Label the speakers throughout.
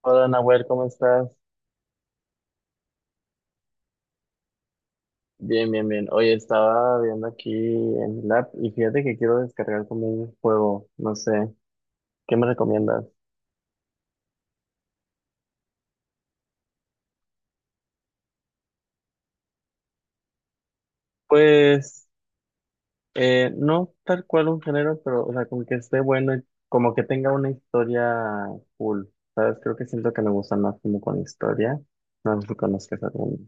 Speaker 1: Hola Nahuel, ¿cómo estás? Bien, bien, bien. Oye, estaba viendo aquí en el app y fíjate que quiero descargar como un juego, no sé, ¿qué me recomiendas? Pues, no tal cual un género, pero, o sea, como que esté bueno y como que tenga una historia cool, ¿sabes? Creo que siento que me gusta más como con historia. No sé si conozcas alguno.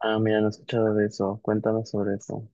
Speaker 1: Ah, mira, no he escuchado de eso. Cuéntame sobre eso.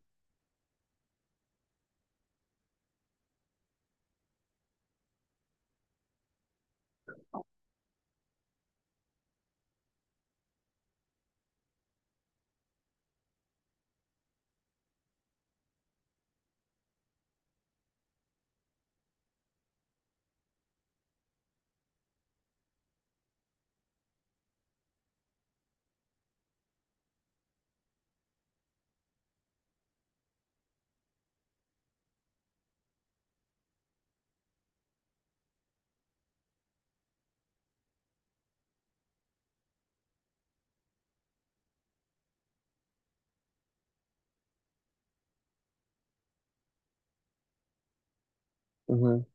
Speaker 1: Ujú.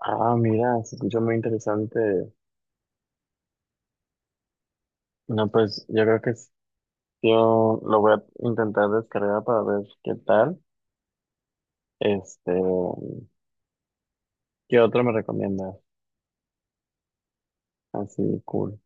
Speaker 1: Ah, mira, se escucha muy interesante. No, pues yo creo que yo lo voy a intentar descargar para ver qué tal. Este, ¿Qué otro me recomiendas? Así, cool.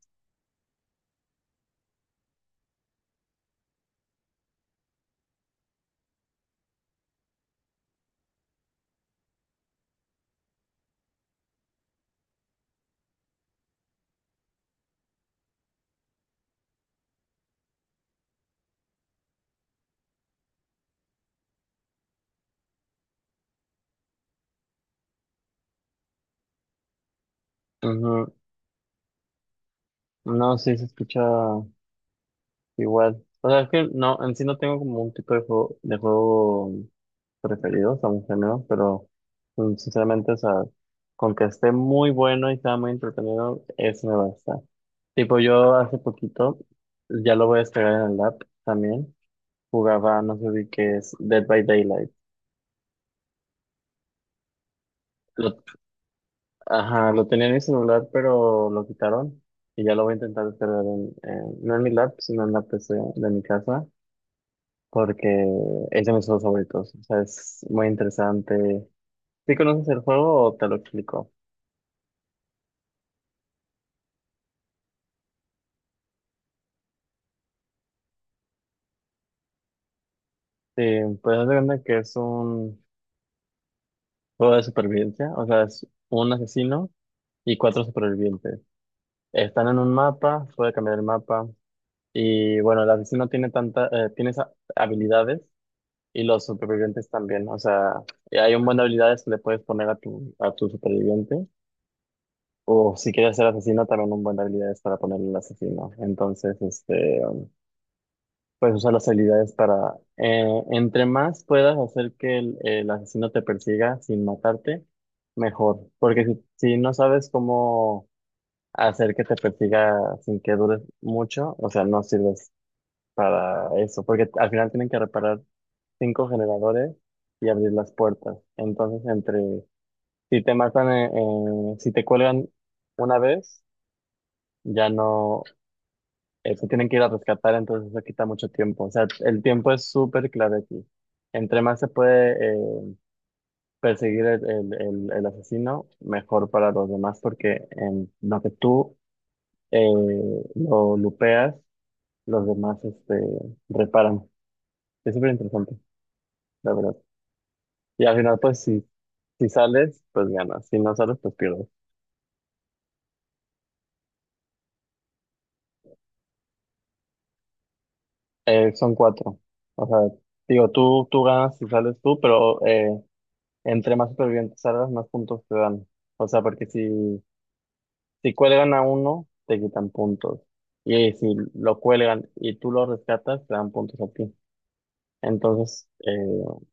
Speaker 1: Ujú. No, sí se escucha igual. O sea, es que no, en sí no tengo como un tipo de juego preferido, o sea, un género, pero sinceramente, o sea, con que esté muy bueno y sea muy entretenido, eso me basta. Tipo, yo hace poquito, ya lo voy a descargar en el app también, jugaba, no sé si que es Dead by Daylight. Lo- Ajá, lo tenía en mi celular, pero lo quitaron y ya lo voy a intentar descargar no en mi lap, sino en la PC de mi casa, porque es de mis juegos favoritos. O sea, es muy interesante. ¿Sí conoces el juego o te lo explico? Sí, pues haz de cuenta que es un juego de supervivencia, o sea, es un asesino y cuatro supervivientes. Están en un mapa, puede cambiar el mapa y bueno, el asesino tiene esas habilidades. Y los supervivientes también, o sea, y hay un buen de habilidades que le puedes poner a tu superviviente. O si quieres ser asesino, también un buen de habilidades para ponerle al asesino. Entonces, puedes usar las habilidades para, entre más puedas hacer que el asesino te persiga sin matarte, mejor. Porque si no sabes cómo hacer que te persiga sin que dures mucho, o sea, no sirves para eso. Porque al final tienen que reparar cinco generadores y abrir las puertas. Entonces, si te matan, si te cuelgan una vez, ya no, se tienen que ir a rescatar, entonces eso quita mucho tiempo. O sea, el tiempo es súper clave aquí. Entre más se puede perseguir el asesino, mejor para los demás, porque en lo que tú eh, lo lupeas, los demás reparan. Es súper interesante, la verdad. Y al final, pues si sales, pues ganas. Si no sales, pues pierdes. Son cuatro. O sea, digo, tú ganas si sales tú, pero entre más supervivientes salgas, más puntos te dan. O sea, porque si cuelgan a uno, te quitan puntos. Y si lo cuelgan y tú lo rescatas, te dan puntos a ti. Entonces,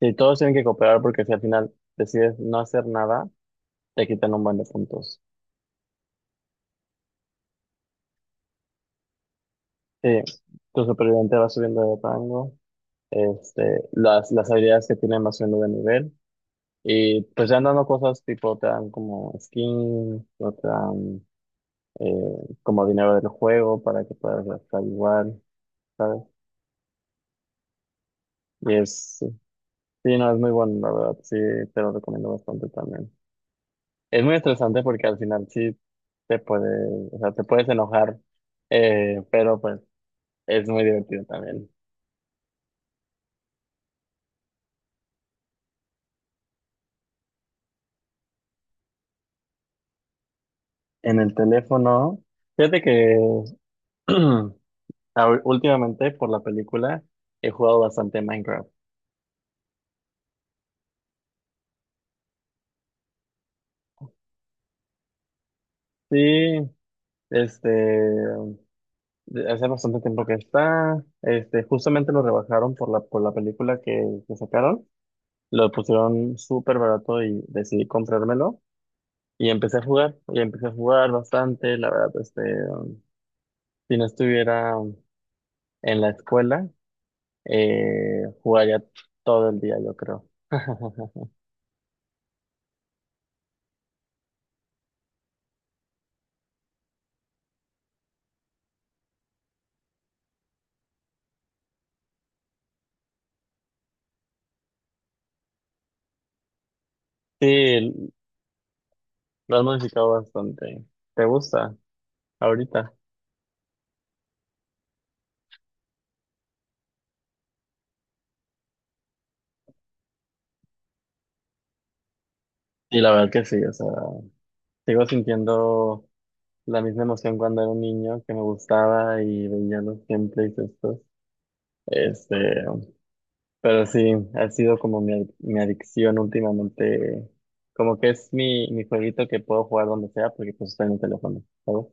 Speaker 1: si todos tienen que cooperar, porque si al final decides no hacer nada, te quitan un buen de puntos. Sí, tu superviviente va subiendo de rango. Las habilidades que tienen más subiendo de nivel. Y pues ya andando cosas tipo, te dan como skin, o te dan eh, como dinero del juego para que puedas gastar igual, ¿sabes? Y es, sí, no, es muy bueno, la verdad, sí, te lo recomiendo bastante también. Es muy estresante porque al final sí te puedes, o sea, te puedes enojar, pero pues es muy divertido también. En el teléfono, fíjate que. Ah, últimamente, por la película, he jugado bastante Minecraft. Sí, este, de- hace bastante tiempo que está. Justamente lo rebajaron por la película que sacaron. Lo pusieron súper barato y decidí comprármelo. Y empecé a jugar, y empecé a jugar bastante. La verdad, um, si no estuviera en la escuela, jugaría todo el día, yo creo. Sí, lo han modificado bastante. ¿Te gusta ahorita? Y la verdad que sí, o sea, sigo sintiendo la misma emoción cuando era un niño que me gustaba y veía los gameplays estos. Este, pero sí, ha sido como mi adicción últimamente. Como que es mi jueguito que puedo jugar donde sea porque pues está en el teléfono, ¿sabes?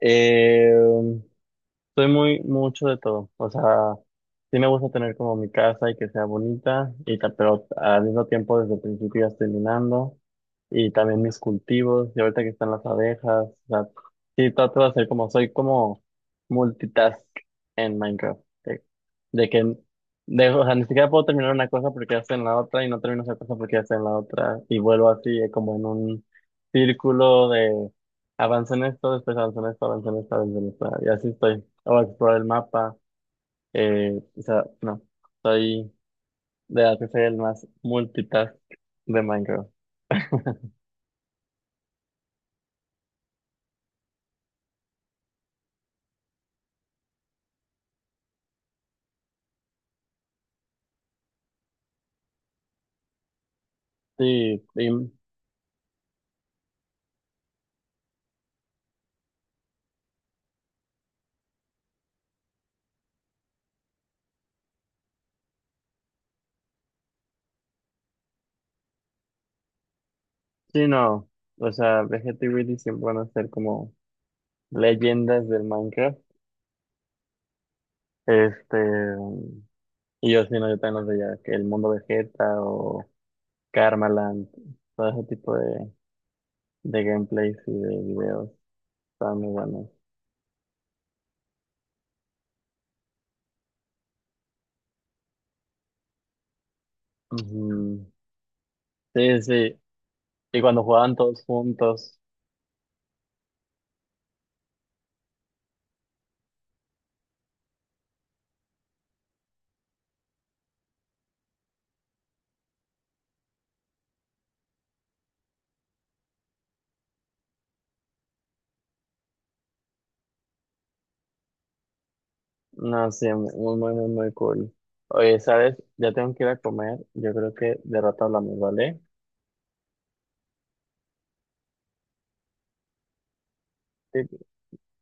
Speaker 1: Eh, Soy muy mucho de todo, o sea, sí me gusta tener como mi casa y que sea bonita, pero al mismo tiempo desde el principio ya estoy minando, y también mis cultivos, y ahorita que están las abejas, o sea, sí trato de hacer como, soy como multitask en Minecraft, de que, o sea, ni siquiera puedo terminar una cosa porque ya estoy en la otra, y no termino esa cosa porque ya estoy en la otra, y vuelvo así como en un círculo. Avancé en esto, después avancé en esto, avancé en esto, avancé en esto. Y así estoy. Voy a explorar el mapa. O sea, no. Soy de las que soy el más multitask de Minecraft. Sí, sí, no. O sea, Vegeta y Willy siempre van a ser como leyendas del Minecraft. Este, y yo sí, no, yo también los veía, que el mundo Vegeta o Karmaland, todo ese tipo de, gameplays y de videos, están muy buenos. Ujú. Sí, sí. Y cuando jugaban todos juntos, no, sí, muy, muy, muy, muy cool. Oye, ¿sabes? Ya tengo que ir a comer. Yo creo que de rato hablamos, ¿vale? Sí,